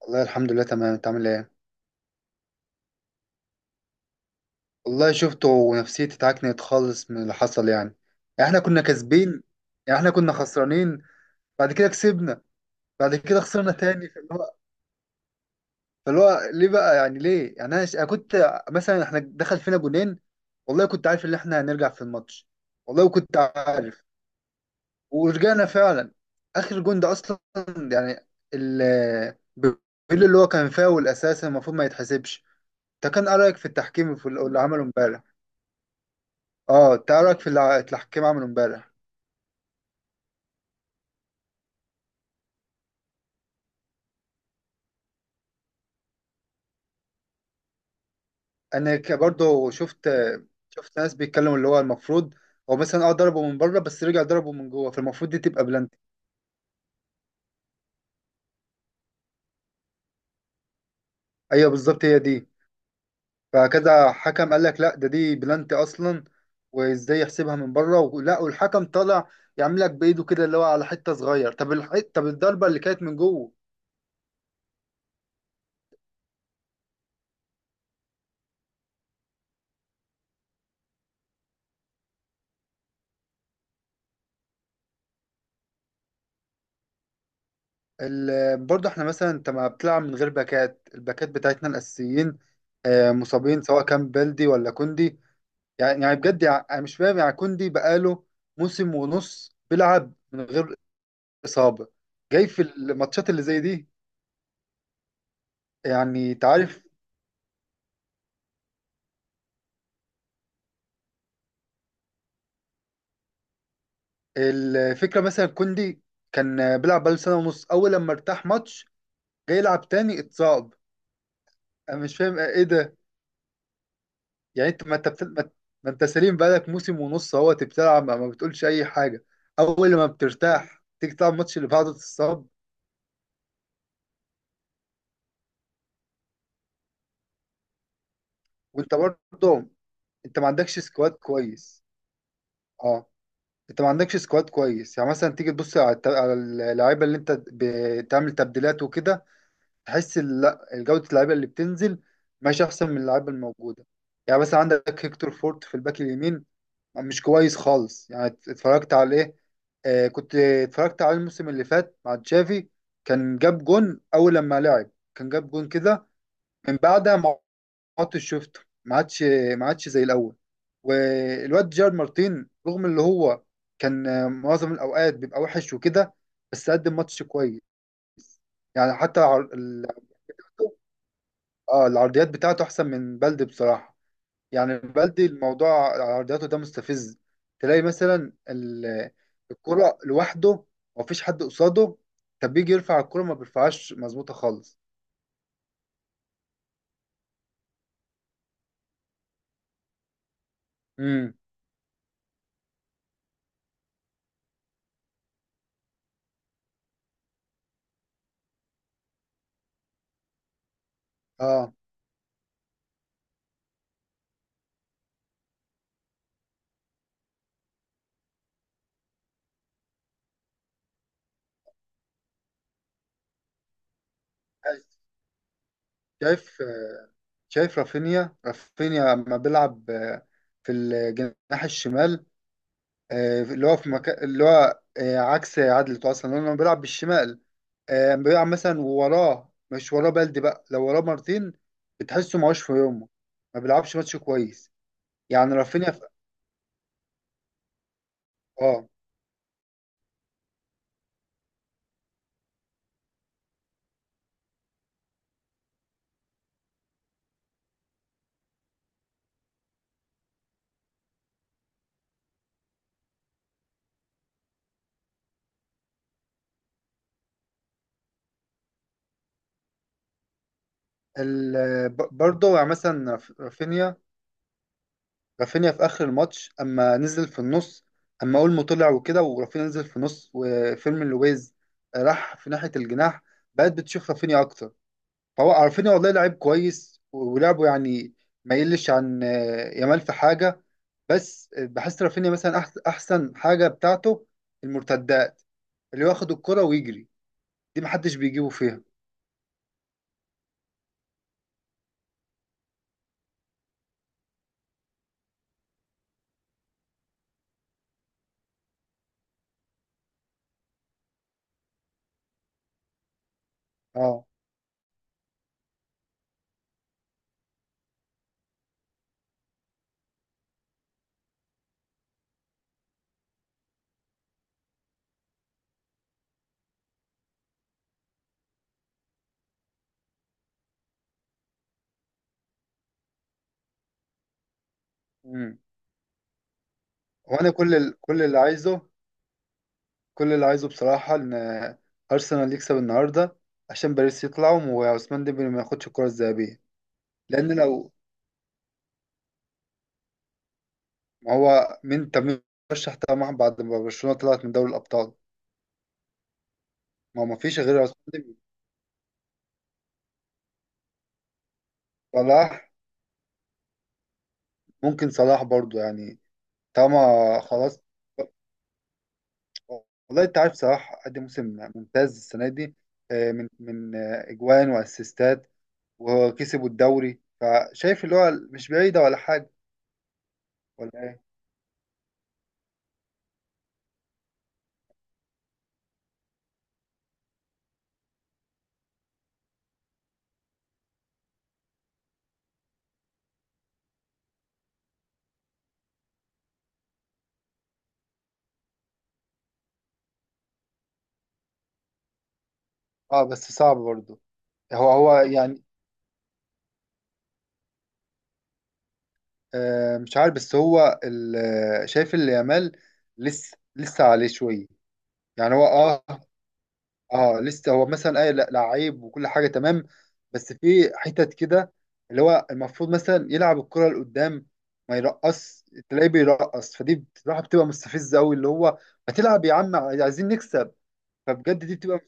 والله الحمد لله تمام. انت عامل ايه؟ والله شفته ونفسيتي اتعكنت خالص من اللي حصل. يعني احنا كنا كاسبين. يعني احنا كنا خسرانين. بعد كده كسبنا. بعد كده خسرنا تاني. فاللي هو ليه بقى، ليه؟ انا كنت مثلا احنا دخل فينا جونين. والله كنت عارف ان احنا هنرجع في الماتش. والله كنت عارف. ورجعنا فعلا. اخر جون ده اصلا، يعني ال بيقول اللي هو كان فاول اساسا المفروض ما يتحسبش. انت كان ايه رايك في التحكيم، في اللي عمله امبارح؟ اه، تعرف اللي حكيت معاه من امبارح. برضه شفت. شفت ناس بيتكلموا اللي هو المفروض. هو مثلا ضربه من بره بس رجع ضربه من جوه، فالمفروض دي تبقى بلانتي. ايوه بالظبط، هي دي. فكذا حكم قال لك لا، ده دي بلانتي اصلا. وازاي يحسبها من بره، ولا والحكم طالع يعمل لك بايده كده اللي هو على حته صغير؟ طب طب الضربه اللي كانت من جوه. برضه احنا مثلا انت ما بتلعب من غير باكات، الباكات بتاعتنا الاساسيين. آه، مصابين سواء كان بلدي ولا كوندي. يعني بجد، يعني أنا مش فاهم. يعني كوندي بقاله موسم ونص بيلعب من غير إصابة، جاي في الماتشات اللي زي دي. يعني تعرف، الفكرة مثلا كوندي كان بيلعب بقاله سنة ونص. أول لما ارتاح ماتش، جاي يلعب تاني اتصاب. أنا مش فاهم إيه ده. يعني أنت ما أنت سليم بقالك موسم ونص أهو بتلعب، ما بتقولش أي حاجة. أول لما بترتاح تيجي تلعب الماتش اللي بعده تتصاب. وأنت برضه أنت ما عندكش سكواد كويس. آه. انت ما عندكش سكواد كويس. يعني مثلا تيجي تبص على على اللعيبه اللي انت بتعمل تبديلات وكده، تحس لا جوده اللعيبه اللي بتنزل ماشي احسن من اللعيبه الموجوده. يعني مثلا عندك هيكتور فورت في الباك اليمين، مش كويس خالص. اتفرجت عليه، آه كنت اتفرجت على الموسم اللي فات مع تشافي. كان جاب جون اول لما لعب، كان جاب جون كده. من بعدها ماتش شفته ما عادش، ما عادش زي الاول. والواد جيرارد مارتين رغم اللي هو كان معظم الاوقات بيبقى وحش وكده، بس قدم ماتش كويس. يعني حتى العرضيات بتاعته احسن من بلدي بصراحه. يعني بلدي الموضوع عرضياته ده مستفز. تلاقي مثلا الكرة لوحده ومفيش حد قصاده، طب بيجي يرفع الكرة ما بيرفعهاش مظبوطه خالص. امم اه شايف، شايف رافينيا لما بيلعب، في الجناح الشمال، اللي هو في مكان اللي هو، عكس عدلته اصلا لانه لما بيلعب بالشمال، لما بيلعب مثلا وراه، مش وراه بلدي بقى، لو وراه مارتين بتحسه معوش في يومه، ما بيلعبش ماتش كويس. يعني رافينيا في- اه ال- ب- برضه يعني مثلا رف- رافينيا رافينيا في اخر الماتش اما نزل في النص، اما اولمو طلع وكده ورافينيا نزل في النص وفيرمين لويز راح في ناحيه الجناح، بقت بتشوف رافينيا اكتر. فهو رافينيا والله لعيب كويس ولعبه، يعني ما يقلش عن يامال في حاجه. بس بحس رافينيا مثلا احسن حاجه بتاعته المرتدات، اللي هو ياخد الكره ويجري، دي محدش بيجيبه فيها. اه. امم وانا كل ال- كل اللي عايزه كل اللي عايزه بصراحة إن أرسنال يكسب النهاردة، عشان باريس يطلعوا وعثمان ديمبلي ما ياخدش الكرة الذهبية. لأن لو، ما هو مين؟ طب مين رشح طبعا بعد ما برشلونة طلعت من دوري الأبطال؟ ما هو ما فيش غير عثمان ديمبلي. صلاح، ممكن صلاح برضو يعني. طالما خلاص، والله أنت عارف صلاح قدم موسم ممتاز السنة دي، آه، من من آه، إجوان وأسيستات وكسبوا الدوري. فشايف اللي هو مش بعيدة ولا حاجة، ولا إيه؟ أه بس صعب برضو. هو يعني، مش عارف. بس هو شايف اللي يامال لسه، لسه عليه شويه. يعني هو اه اه لسه هو مثلا اي لعيب وكل حاجه تمام، بس في حتت كده اللي هو المفروض مثلا يلعب الكره لقدام، ما يرقص. تلاقيه بيرقص، فدي بصراحه بتبقى مستفزه قوي، اللي هو ما تلعب يا عم، عايزين نكسب. فبجد دي بتبقى.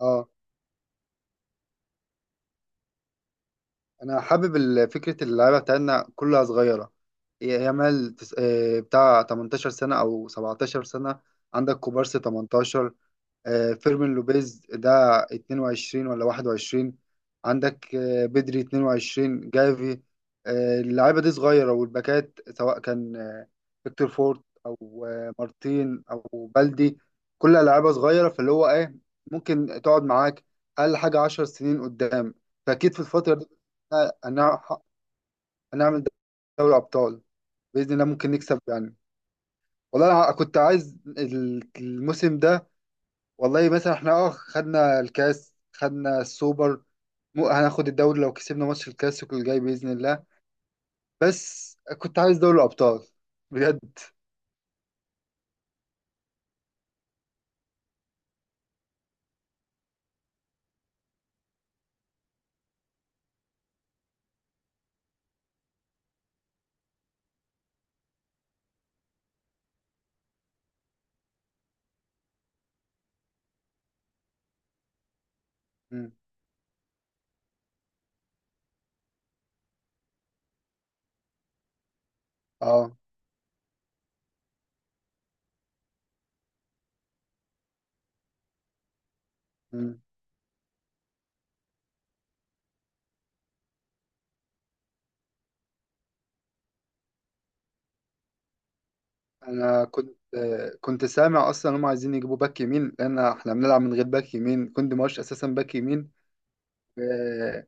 اه انا حابب فكره اللعيبه بتاعتنا كلها صغيره. يامال بتاع 18 سنه او 17 سنه، عندك كوبارسي 18، فيرمين لوبيز ده 22 ولا 21، عندك بدري 22، جافي، اللعيبه دي صغيره. والباكات سواء كان فيكتور فورت او مارتين او بلدي، كلها لعيبه صغيره. فاللي هو ايه، ممكن تقعد معاك اقل حاجه 10 سنين قدام. فاكيد في الفتره دي آه، هنع- هنعمل دوري ابطال باذن الله، ممكن نكسب يعني. والله انا كنت عايز الموسم ده. والله مثلا احنا خدنا الكاس، خدنا السوبر، مو هناخد الدوري لو كسبنا ماتش الكلاسيكو الجاي بإذن الله. بس كنت عايز دوري الأبطال بجد. مم. اه. مم. انا كنت كنت سامع اصلا هم عايزين يجيبوا باك يمين، لان احنا بنلعب من غير باك يمين. كوندي ماش اساسا باك يمين. آه،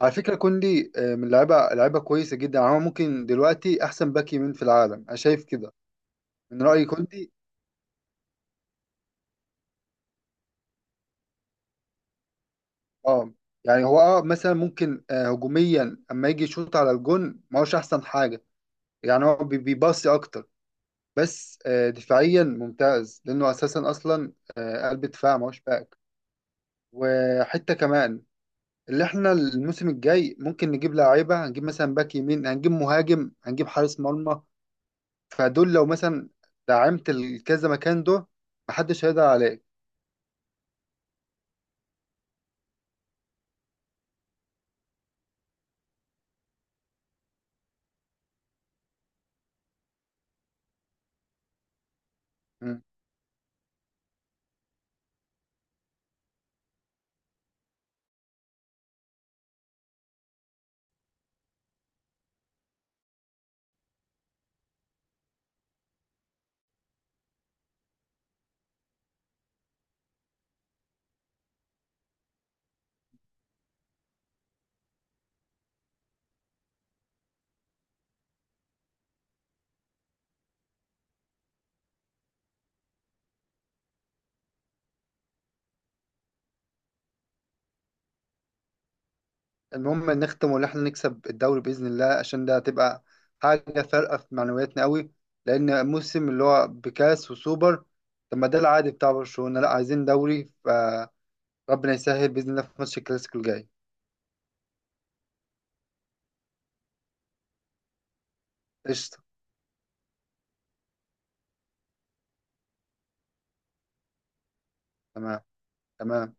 على فكرة كوندي، آه، من لعيبة لعيبة كويسة جدا. يعني هو ممكن دلوقتي احسن باك يمين في العالم، انا شايف كده. من رأيي كوندي. اه يعني هو اه مثلا ممكن هجوميا، اما يجي يشوط على الجون ما هوش احسن حاجه. يعني هو بيباصي اكتر، بس آه دفاعيا ممتاز، لانه اساسا اصلا قلب دفاع ما هوش باك. وحته كمان اللي احنا الموسم الجاي ممكن نجيب لاعيبه، هنجيب مثلا باك يمين، هنجيب مهاجم، هنجيب حارس مرمى. فدول لو مثلا دعمت الكذا مكان ده، محدش هيقدر عليك. المهم نختم وان احنا نكسب الدوري باذن الله، عشان ده هتبقى حاجه فارقه في معنوياتنا قوي. لان موسم اللي هو بكاس وسوبر، طب ما ده العادي بتاع برشلونه، لا عايزين دوري. فربنا يسهل باذن الله في ماتش الكلاسيكو الجاي. قشطه. تمام. تمام.